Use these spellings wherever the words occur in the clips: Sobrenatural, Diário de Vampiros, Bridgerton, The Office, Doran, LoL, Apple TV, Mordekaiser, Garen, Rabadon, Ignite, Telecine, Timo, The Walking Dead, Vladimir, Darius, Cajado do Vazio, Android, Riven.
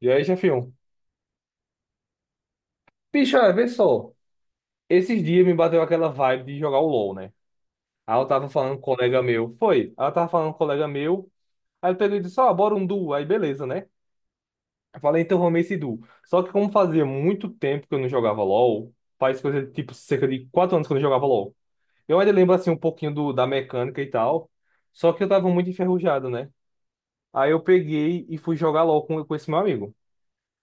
E aí, chefinho? Bicho, olha, vê só. Esses dias me bateu aquela vibe de jogar o LoL, né? Aí eu tava falando com um colega meu. Foi. Aí eu tava falando com um colega meu. Aí ele pegou e disse, ó, bora um duo. Aí beleza, né? Eu falei, então vamos esse duo. Só que como fazia muito tempo que eu não jogava LoL, faz coisa de, tipo cerca de 4 anos que eu não jogava LoL. Eu ainda lembro assim um pouquinho da mecânica e tal. Só que eu tava muito enferrujado, né? Aí eu peguei e fui jogar LoL com esse meu amigo.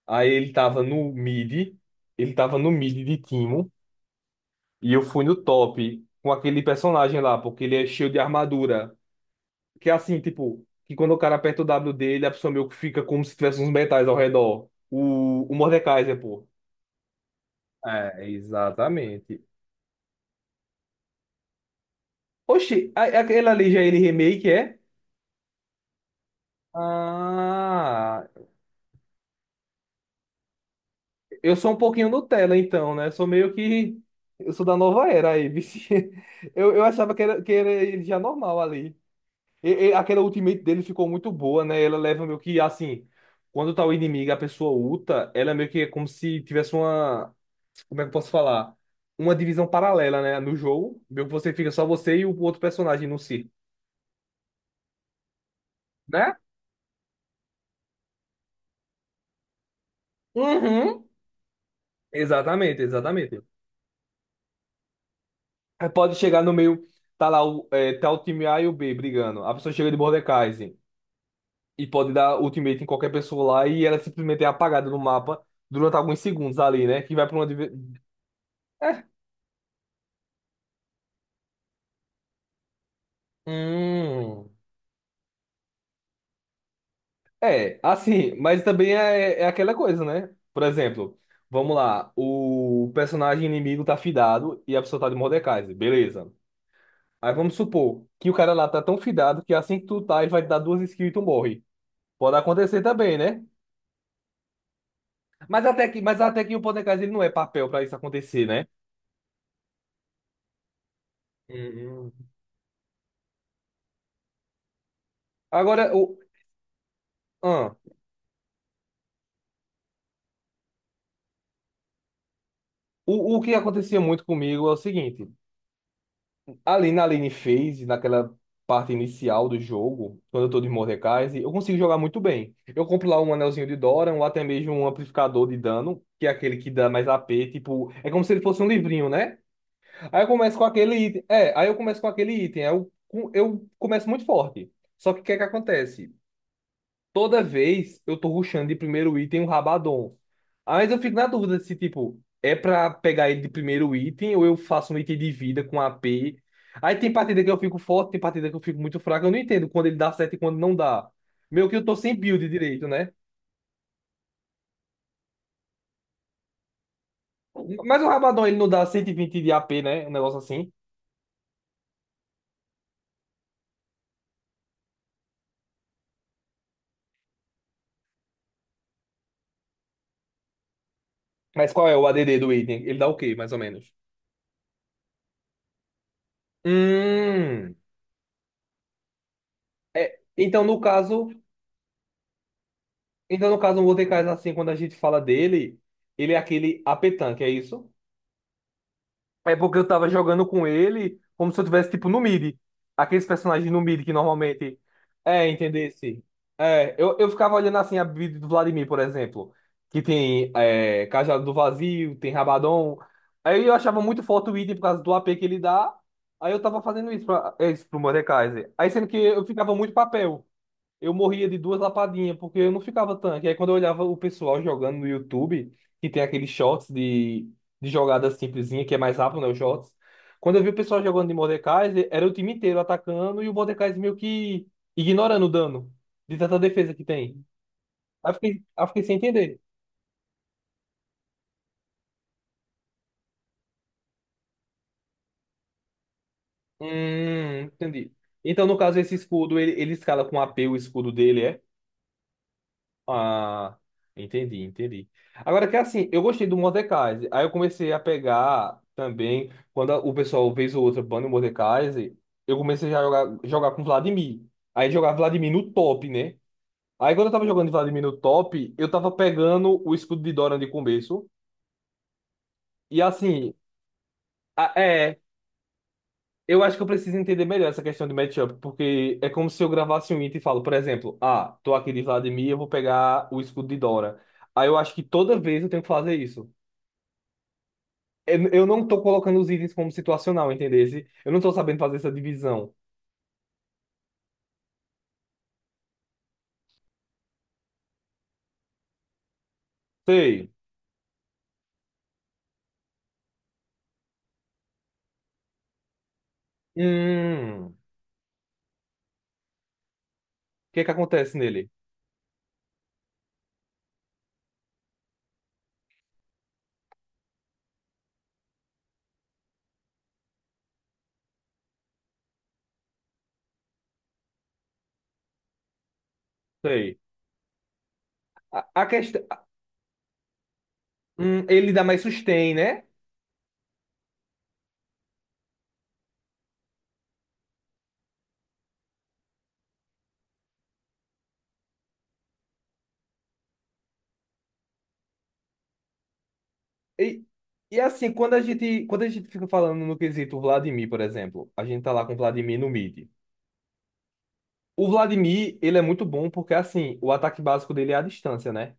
Aí ele tava no mid. Ele tava no mid de Timo. E eu fui no top com aquele personagem lá, porque ele é cheio de armadura. Que é assim, tipo, que quando o cara aperta o W dele, a pessoa meio que fica como se tivesse uns metais ao redor. O Mordekaiser, pô. É, exatamente. Oxi, aquele ali já é ele remake, é? Ah, eu sou um pouquinho Nutella, então, né? Sou meio que. Eu sou da nova era aí, vixe. Eu achava que era ele já normal ali. Aquela ultimate dele ficou muito boa, né? Ela leva meio que assim, quando tá o inimigo, e a pessoa ulta, ela meio que é como se tivesse uma, como é que eu posso falar? Uma divisão paralela, né? No jogo, meio que você fica só você e o outro personagem no si, né? Uhum. Exatamente, exatamente. Aí pode chegar no meio, tá lá tá o time A e o B brigando. A pessoa chega de Mordekaiser e pode dar ultimate em qualquer pessoa lá e ela simplesmente é apagada no mapa durante alguns segundos ali, né? Que vai pra uma. Hum, assim, mas também é aquela coisa, né? Por exemplo, vamos lá, o personagem inimigo tá fidado e a pessoa tá de Mordekaiser, beleza. Aí vamos supor que o cara lá tá tão fidado que assim que tu tá, ele vai te dar duas skills e tu morre. Pode acontecer também, né? Mas até que o Mordekaiser ele não é papel pra isso acontecer, né? Uhum. Agora, o, ah, o, o que acontecia muito comigo é o seguinte. Ali na lane phase, naquela parte inicial do jogo, quando eu tô de Mordekaiser, eu consigo jogar muito bem. Eu compro lá um anelzinho de Doran, ou até mesmo um amplificador de dano, que é aquele que dá mais AP, tipo, é como se ele fosse um livrinho, né? Aí eu começo com aquele item, aí eu começo muito forte. Só que o que é que acontece? Toda vez eu tô rushando de primeiro item o Rabadon. Mas eu fico na dúvida se, tipo, é pra pegar ele de primeiro item ou eu faço um item de vida com AP. Aí tem partida que eu fico forte, tem partida que eu fico muito fraco. Eu não entendo quando ele dá certo e quando não dá. Meio que eu tô sem build direito, né? Mas o Rabadon, ele não dá 120 de AP, né? Um negócio assim. Mas qual é o ADD do item? Ele dá o quê, mais ou menos? Hum. É, então, no caso, o Mordekaiser, assim, quando a gente fala dele, ele é aquele AP tanque, é isso? É porque eu tava jogando com ele como se eu tivesse, tipo, no mid. Aqueles personagens no mid que normalmente. É, entendesse. É, eu ficava olhando assim a build do Vladimir, por exemplo. Que tem Cajado do Vazio, tem Rabadon. Aí eu achava muito forte o item por causa do AP que ele dá. Aí eu tava fazendo isso pro Mordekaiser. Aí sendo que eu ficava muito papel. Eu morria de duas lapadinhas, porque eu não ficava tanque. Aí quando eu olhava o pessoal jogando no YouTube, que tem aqueles shots de jogada simplesinha, que é mais rápido, né, os shots. Quando eu vi o pessoal jogando de Mordekaiser, era o time inteiro atacando e o Mordekaiser meio que ignorando o dano de tanta defesa que tem. Aí eu fiquei sem entender. Entendi. Então, no caso, esse escudo, ele escala com AP, o escudo dele, é? Ah, entendi, entendi. Agora que é assim, eu gostei do Mordekaiser. Aí eu comecei a pegar também, quando o pessoal fez o outro bando do Mordekaiser, eu comecei já a jogar com Vladimir. Aí jogar Vladimir no top, né? Aí quando eu tava jogando de Vladimir no top, eu tava pegando o escudo de Dorian de começo. E assim, a- é, eu acho que eu preciso entender melhor essa questão de matchup, porque é como se eu gravasse um item e falo, por exemplo, ah, tô aqui de Vladimir, eu vou pegar o escudo de Dora. Aí eu acho que toda vez eu tenho que fazer isso. Eu não tô colocando os itens como situacional, entendeu? Eu não tô sabendo fazer essa divisão. Sei. Hum. O que que acontece nele? Sei. A questão. Ele dá mais sustain, né? E, e assim, quando a gente fica falando no quesito Vladimir, por exemplo, a gente tá lá com o Vladimir no mid. O Vladimir, ele é muito bom porque, assim, o ataque básico dele é a distância, né?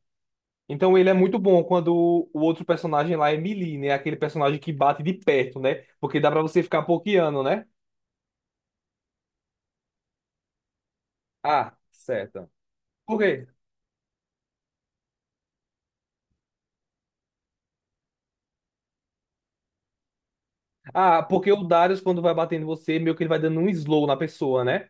Então ele é muito bom quando o outro personagem lá é melee, né? Aquele personagem que bate de perto, né? Porque dá pra você ficar pokeando, né? Ah, certo. Por quê? Ah, porque o Darius, quando vai batendo em você, meio que ele vai dando um slow na pessoa, né?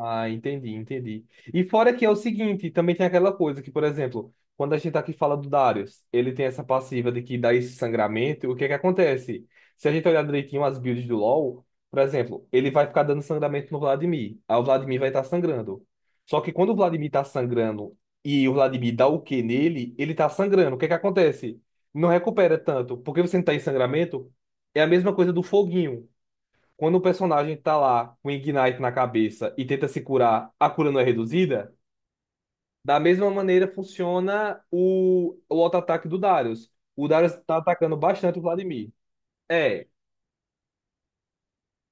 Ah, entendi, entendi. E fora que é o seguinte, também tem aquela coisa que, por exemplo, quando a gente tá aqui fala do Darius, ele tem essa passiva de que dá esse sangramento, o que é que acontece? Se a gente olhar direitinho as builds do LoL, por exemplo, ele vai ficar dando sangramento no Vladimir, aí o Vladimir vai estar sangrando. Só que quando o Vladimir tá sangrando e o Vladimir dá o Q nele, ele tá sangrando, o que é que acontece? Não recupera tanto, porque você não tá em sangramento, é a mesma coisa do foguinho. Quando o personagem tá lá com Ignite na cabeça e tenta se curar, a cura não é reduzida? Da mesma maneira funciona o auto-ataque do Darius. O Darius tá atacando bastante o Vladimir. É,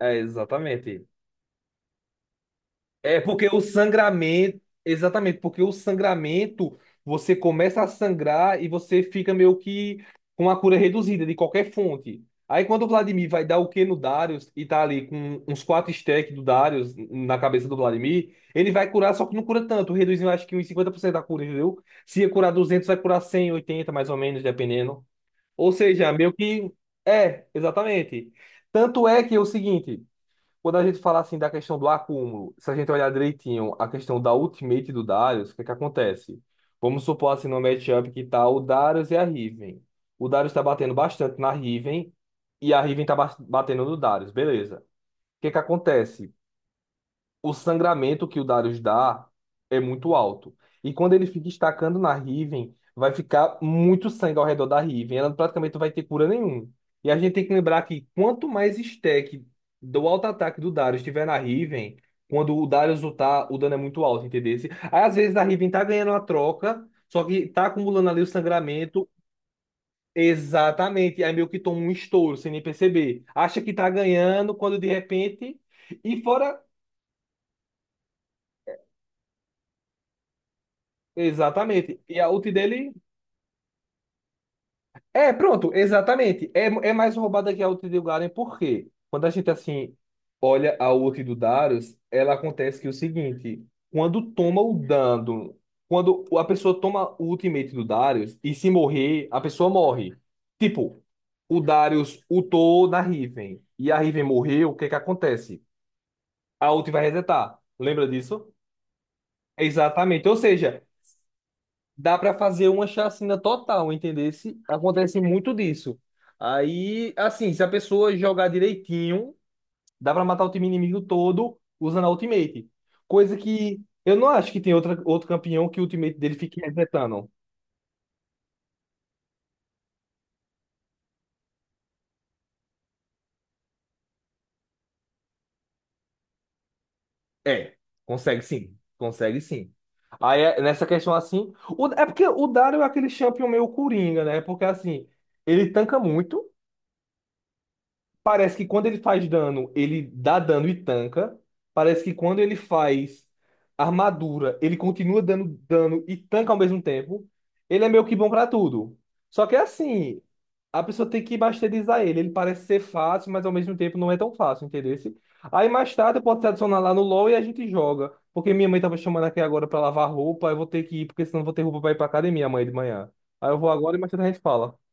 é exatamente. É porque o sangramento, exatamente, porque o sangramento, você começa a sangrar e você fica meio que com a cura reduzida de qualquer fonte. Aí quando o Vladimir vai dar o Q no Darius e tá ali com uns 4 stacks do Darius na cabeça do Vladimir, ele vai curar, só que não cura tanto, reduzindo acho que uns 50% da cura, entendeu? Se ia curar 200 vai curar 180 mais ou menos, dependendo. Ou seja, meio que... É, exatamente. Tanto é que é o seguinte... Quando a gente falar assim da questão do acúmulo, se a gente olhar direitinho a questão da ultimate do Darius, o que é que acontece? Vamos supor assim no matchup que tá o Darius e a Riven. O Darius tá batendo bastante na Riven e a Riven tá batendo no Darius, beleza. O que é que acontece? O sangramento que o Darius dá é muito alto. E quando ele fica estacando na Riven, vai ficar muito sangue ao redor da Riven. Ela praticamente não vai ter cura nenhuma. E a gente tem que lembrar que quanto mais stack do auto-ataque do Darius estiver na Riven, quando o Darius lutar, o dano é muito alto, entendeu? Aí às vezes a Riven tá ganhando a troca, só que tá acumulando ali o sangramento. Exatamente. Aí meio que toma um estouro sem nem perceber. Acha que tá ganhando, quando de repente. E fora Exatamente. E a ult dele. É, pronto, exatamente. É mais roubada que a ult do Garen, por quê? Quando a gente, assim, olha a ult do Darius, ela acontece que é o seguinte: quando toma o dano, quando a pessoa toma o ultimate do Darius e se morrer, a pessoa morre. Tipo, o Darius ultou na Riven e a Riven morreu, o que é que acontece? A ult vai resetar. Lembra disso? Exatamente. Ou seja, dá para fazer uma chacina total, entendesse? Acontece muito disso. Aí, assim, se a pessoa jogar direitinho, dá para matar o time inimigo todo usando a ultimate. Coisa que eu não acho que tem outra, outro campeão que o ultimate dele fique resetando. É, consegue sim, consegue sim. Aí, nessa questão assim, é porque o Dario é aquele champion meio coringa, né? Porque assim, ele tanca muito. Parece que quando ele faz dano, ele dá dano e tanca. Parece que quando ele faz armadura, ele continua dando dano e tanca ao mesmo tempo. Ele é meio que bom pra tudo. Só que é assim, a pessoa tem que masterizar ele. Ele parece ser fácil, mas ao mesmo tempo não é tão fácil, entendeu? Aí mais tarde eu posso te adicionar lá no LoL e a gente joga. Porque minha mãe tava chamando aqui agora pra lavar roupa, eu vou ter que ir, porque senão eu vou ter roupa pra ir pra academia amanhã de manhã. Aí eu vou agora e mais tarde a gente fala.